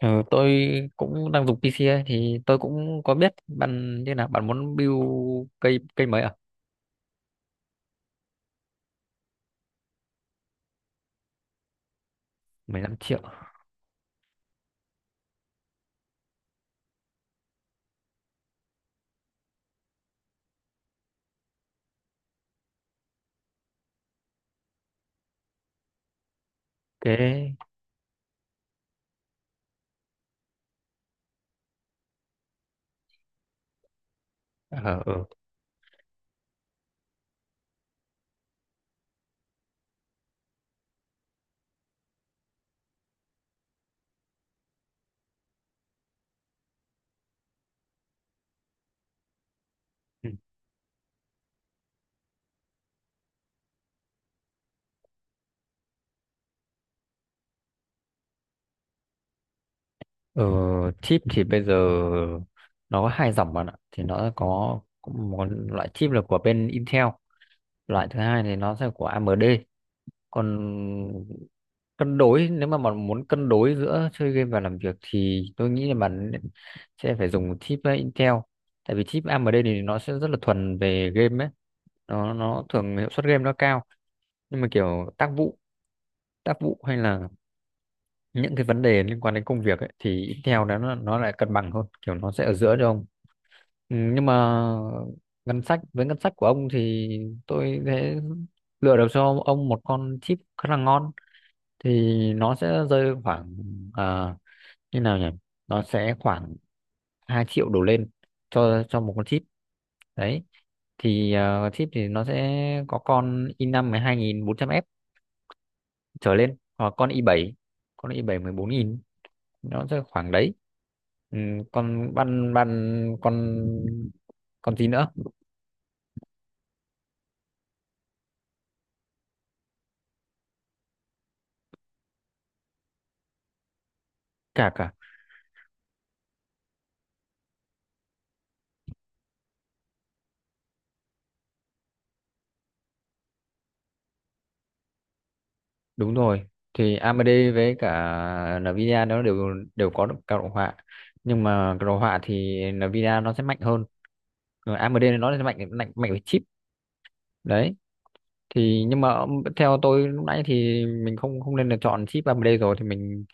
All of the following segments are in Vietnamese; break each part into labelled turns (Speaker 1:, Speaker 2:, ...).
Speaker 1: Ừ, tôi cũng đang dùng PC ấy, thì tôi cũng có biết bạn như nào bạn muốn build cây cây mấy à? 15 triệu cái ờ ừ. ừ. Chip thì bây giờ nó có hai dòng bạn ạ, thì nó có một loại chip là của bên Intel, loại thứ hai thì nó sẽ của AMD. Còn cân đối, nếu mà bạn muốn cân đối giữa chơi game và làm việc thì tôi nghĩ là bạn sẽ phải dùng chip Intel, tại vì chip AMD thì nó sẽ rất là thuần về game ấy, nó thường hiệu suất game nó cao. Nhưng mà kiểu tác vụ hay là những cái vấn đề liên quan đến công việc ấy, thì Intel đó nó lại cân bằng hơn, kiểu nó sẽ ở giữa cho ông. Ừ, nhưng mà ngân sách của ông thì tôi sẽ lựa được cho ông một con chip khá là ngon. Thì nó sẽ rơi khoảng ờ, như nào nhỉ, nó sẽ khoảng 2 triệu đổ lên cho một con chip. Đấy thì chip thì nó sẽ có con i năm mười hai nghìn bốn trăm f trở lên, hoặc con i bảy, con i bảy mười bốn nghìn, nó sẽ khoảng đấy. ừ, con ban ban con gì nữa. Cả cả đúng rồi, thì AMD với cả Nvidia nó đều đều có được các đồ họa, nhưng mà cái đồ họa thì Nvidia nó sẽ mạnh hơn. Rồi AMD nó là mạnh mạnh mạnh về chip. Đấy thì, nhưng mà theo tôi lúc nãy thì mình không không nên là chọn chip AMD rồi, thì mình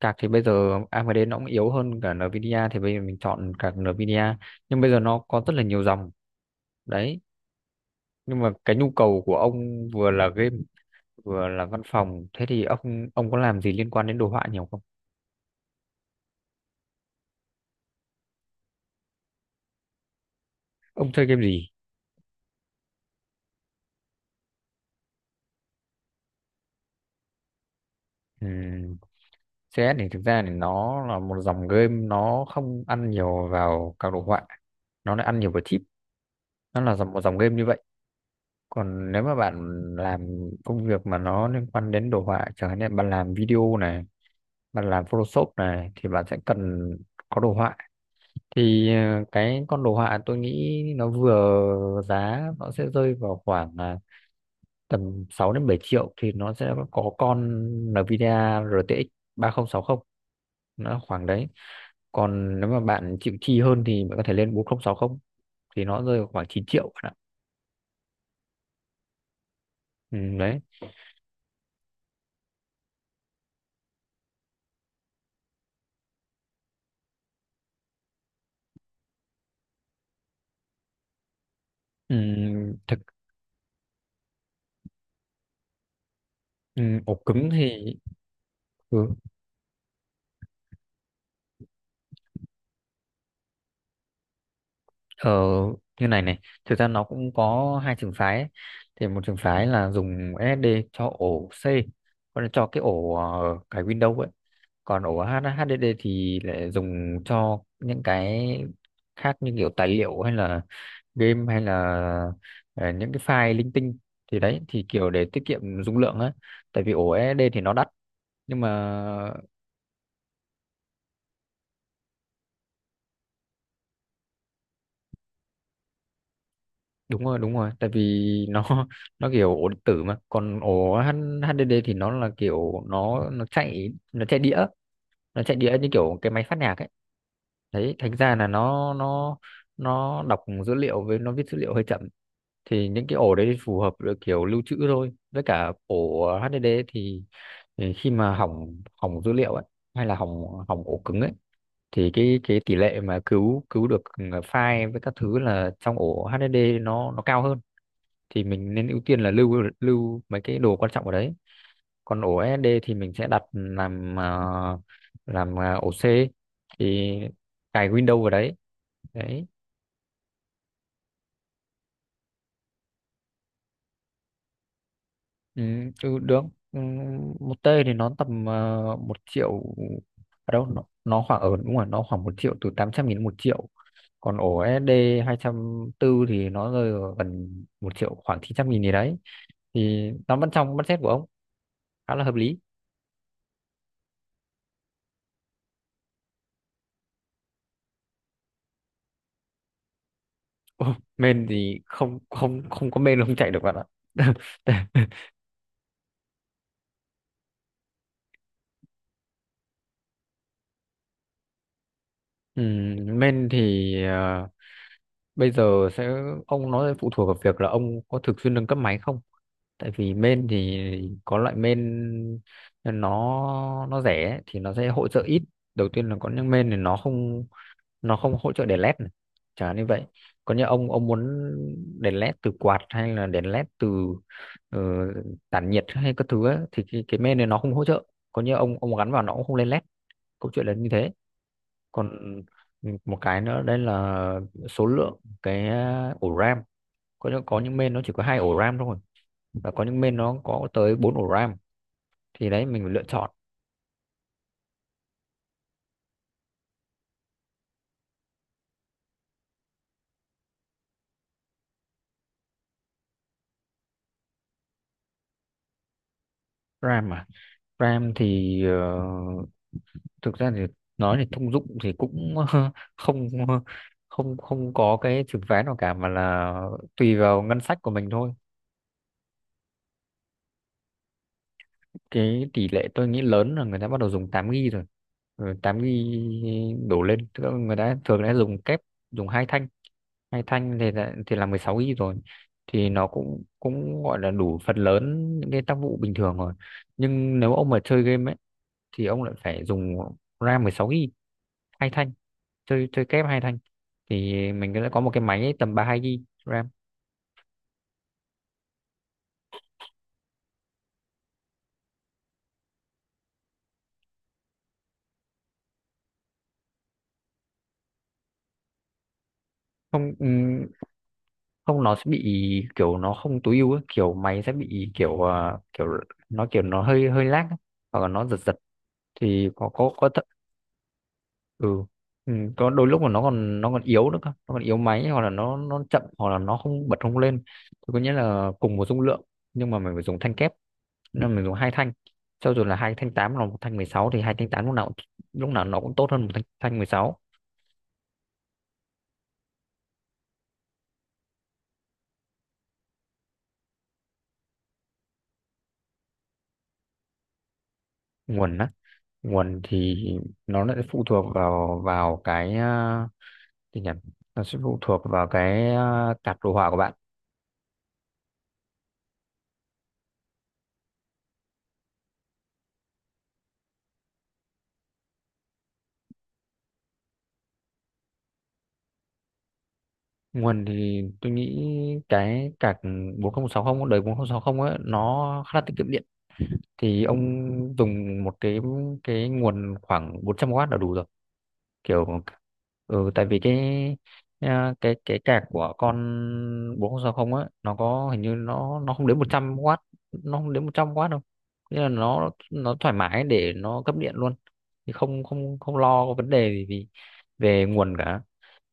Speaker 1: card thì bây giờ AMD nó cũng yếu hơn cả Nvidia, thì bây giờ mình chọn card Nvidia. Nhưng bây giờ nó có rất là nhiều dòng. Đấy, nhưng mà cái nhu cầu của ông vừa là game vừa là văn phòng, thế thì ông có làm gì liên quan đến đồ họa nhiều không? Ông chơi game gì? Ừm, CS thì thực ra thì nó là một dòng game, nó không ăn nhiều vào các đồ họa, nó lại ăn nhiều vào chip. Một dòng game như vậy. Còn nếu mà bạn làm công việc mà nó liên quan đến đồ họa, chẳng hạn như bạn làm video này, bạn làm Photoshop này, thì bạn sẽ cần có đồ họa. Thì cái con đồ họa tôi nghĩ nó vừa giá, nó sẽ rơi vào khoảng tầm 6 đến 7 triệu, thì nó sẽ có con Nvidia RTX 3060, nó khoảng đấy. Còn nếu mà bạn chịu chi hơn thì bạn có thể lên 4060, thì nó rơi vào khoảng 9 triệu bạn ạ. Ừ, đấy. Ừ, thực Ừ, ổ cứng thì, ừ, ở như này này, thực ra nó cũng có hai trường phái ấy. Thì một trường phái là dùng SSD cho ổ C, còn cho cái ổ cái Windows ấy, còn ổ HDD thì lại dùng cho những cái khác, như kiểu tài liệu hay là game hay là ờ, những cái file linh tinh. Thì đấy thì kiểu để tiết kiệm dung lượng á, tại vì ổ SSD thì nó đắt. Nhưng mà đúng rồi, đúng rồi, tại vì nó kiểu ổ điện tử. Mà còn ổ HDD thì nó là kiểu, nó chạy đĩa, nó chạy đĩa như kiểu cái máy phát nhạc ấy. Đấy, thành ra là nó nó đọc dữ liệu với nó viết dữ liệu hơi chậm. Thì những cái ổ đấy thì phù hợp với kiểu lưu trữ thôi. Với cả ổ HDD thì khi mà hỏng hỏng dữ liệu ấy, hay là hỏng hỏng ổ cứng ấy, thì cái tỷ lệ mà cứu cứu được file với các thứ là trong ổ HDD nó cao hơn. Thì mình nên ưu tiên là lưu lưu mấy cái đồ quan trọng ở đấy. Còn ổ SSD thì mình sẽ đặt làm làm ổ C, thì cài Windows vào đấy. Đấy. Ừ, ừ, được. Ừ, một T thì nó tầm một triệu, ở đâu nó khoảng, ở đúng rồi, nó khoảng một triệu, từ 800 nghìn đến một triệu. Còn ổ SD tư thì nó rơi vào gần một triệu, khoảng 900 nghìn gì đấy. Thì nó vẫn trong budget của ông, khá là hợp lý. Ồ, men thì không không không có men là không chạy được bạn ạ. Men thì bây giờ sẽ, ông nói phụ thuộc vào việc là ông có thường xuyên nâng cấp máy không. Tại vì men thì có loại men nó nó rẻ ấy, thì nó sẽ hỗ trợ ít. Đầu tiên là có những men thì nó không hỗ trợ đèn led này, chẳng hạn như vậy. Còn như ông muốn đèn led từ quạt, hay là đèn led từ ờ, tản nhiệt hay các thứ ấy, thì cái main này nó không hỗ trợ. Còn như ông gắn vào nó cũng không lên led, câu chuyện là như thế. Còn một cái nữa đây là số lượng cái ổ RAM. Có những, có những main nó chỉ có hai ổ RAM thôi, và có những main nó có tới bốn ổ RAM, thì đấy mình phải lựa chọn. RAM mà RAM thì thực ra thì nói thì thông dụng thì cũng không không không có cái trường phái nào cả, mà là tùy vào ngân sách của mình thôi. Cái tỷ lệ tôi nghĩ lớn là người ta bắt đầu dùng 8 ghi rồi, rồi tám ghi đổ lên. Tức là người ta thường đã dùng kép, dùng hai thanh. Hai thanh thì là 16 ghi rồi, thì nó cũng cũng gọi là đủ phần lớn những cái tác vụ bình thường rồi. Nhưng nếu ông mà chơi game ấy, thì ông lại phải dùng RAM 16 GB hai thanh, chơi chơi kép hai thanh, thì mình sẽ có một cái máy tầm 32 GB RAM. Không, không, nó sẽ bị kiểu nó không tối ưu ấy, kiểu máy sẽ bị kiểu kiểu nó hơi hơi lag ấy, hoặc là nó giật giật. Thì có thật. Ừ. Ừ, có đôi lúc mà nó còn yếu nữa cơ, nó còn yếu máy, hoặc là nó chậm, hoặc là nó không bật không lên. Thì có nghĩa là cùng một dung lượng, nhưng mà mình phải dùng thanh kép, nên mình dùng hai thanh. Cho dù là hai thanh 8 là một thanh mười sáu, thì hai thanh 8 lúc nào cũng- lúc nào nó cũng tốt hơn một thanh thanh mười sáu. Nguồn á, nguồn thì nó lại phụ thuộc vào vào cái gì nhỉ, nó sẽ phụ thuộc vào cái card đồ họa của bạn. Nguồn thì tôi nghĩ cái card bốn không sáu cũng đời 4060 ấy, nó khá là tiết kiệm điện, thì ông dùng một cái nguồn khoảng bốn trăm w là đủ rồi. Kiểu ừ, tại vì cái cái cạc của con 4060 á, nó có hình như nó không đến một trăm w, nó không đến một trăm w đâu. Nên là nó thoải mái để nó cấp điện luôn. Thì không không không lo có vấn đề gì vì về nguồn cả.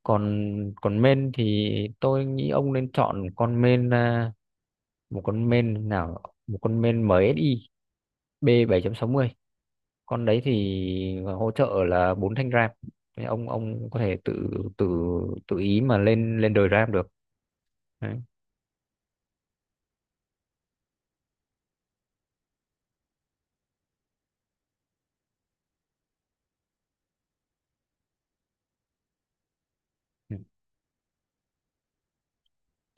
Speaker 1: Còn còn main thì tôi nghĩ ông nên chọn con main một con main nào, một con main MSI B bảy chấm sáu mươi. Con đấy thì hỗ trợ là bốn thanh RAM. Thế ông có thể tự, tự tự ý mà lên lên đời RAM được. Đấy.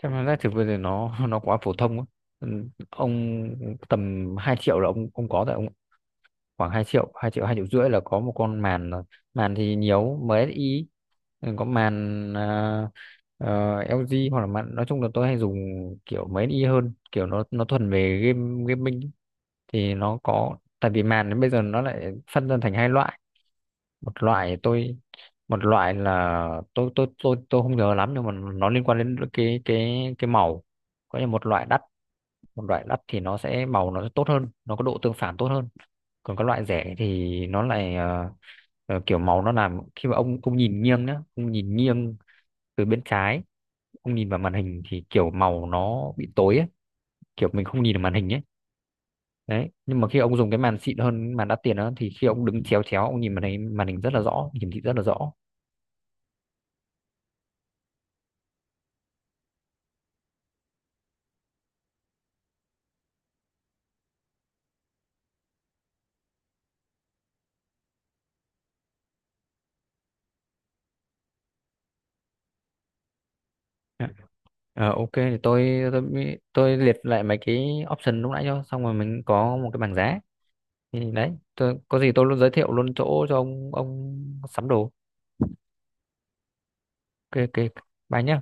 Speaker 1: Chắc là giá thực bây giờ nó nó quá phổ thông á. Ừ, ông tầm 2 triệu là ông có rồi ông, khoảng hai triệu, hai triệu rưỡi là có một con màn rồi. Màn thì nhiều MSI. Ừ, có màn LG, hoặc là màn, nói chung là tôi hay dùng kiểu MSI hơn, kiểu nó thuần về game gaming. Thì nó có, tại vì màn đến bây giờ nó lại phân ra thành hai loại. một loại tôi Một loại là tôi không nhớ lắm, nhưng mà nó liên quan đến cái màu. Có như một loại đắt, một loại đắt thì nó sẽ màu nó sẽ tốt hơn, nó có độ tương phản tốt hơn. Còn các loại rẻ thì nó lại kiểu màu nó làm, khi mà ông nhìn nghiêng nhá, ông nhìn nghiêng từ bên trái, ông nhìn vào màn hình thì kiểu màu nó bị tối ấy, kiểu mình không nhìn được màn hình ấy. Đấy, nhưng mà khi ông dùng cái màn xịn hơn, cái màn đắt tiền đó, thì khi ông đứng chéo chéo ông nhìn màn hình, màn hình rất là rõ, hiển thị rất là rõ. Dạ. Ờ, ok thì tôi liệt lại mấy cái option lúc nãy cho, xong rồi mình có một cái bảng giá. Thì đấy tôi, có gì tôi luôn giới thiệu luôn chỗ cho ông sắm đồ. Ok, ok, bye nhá.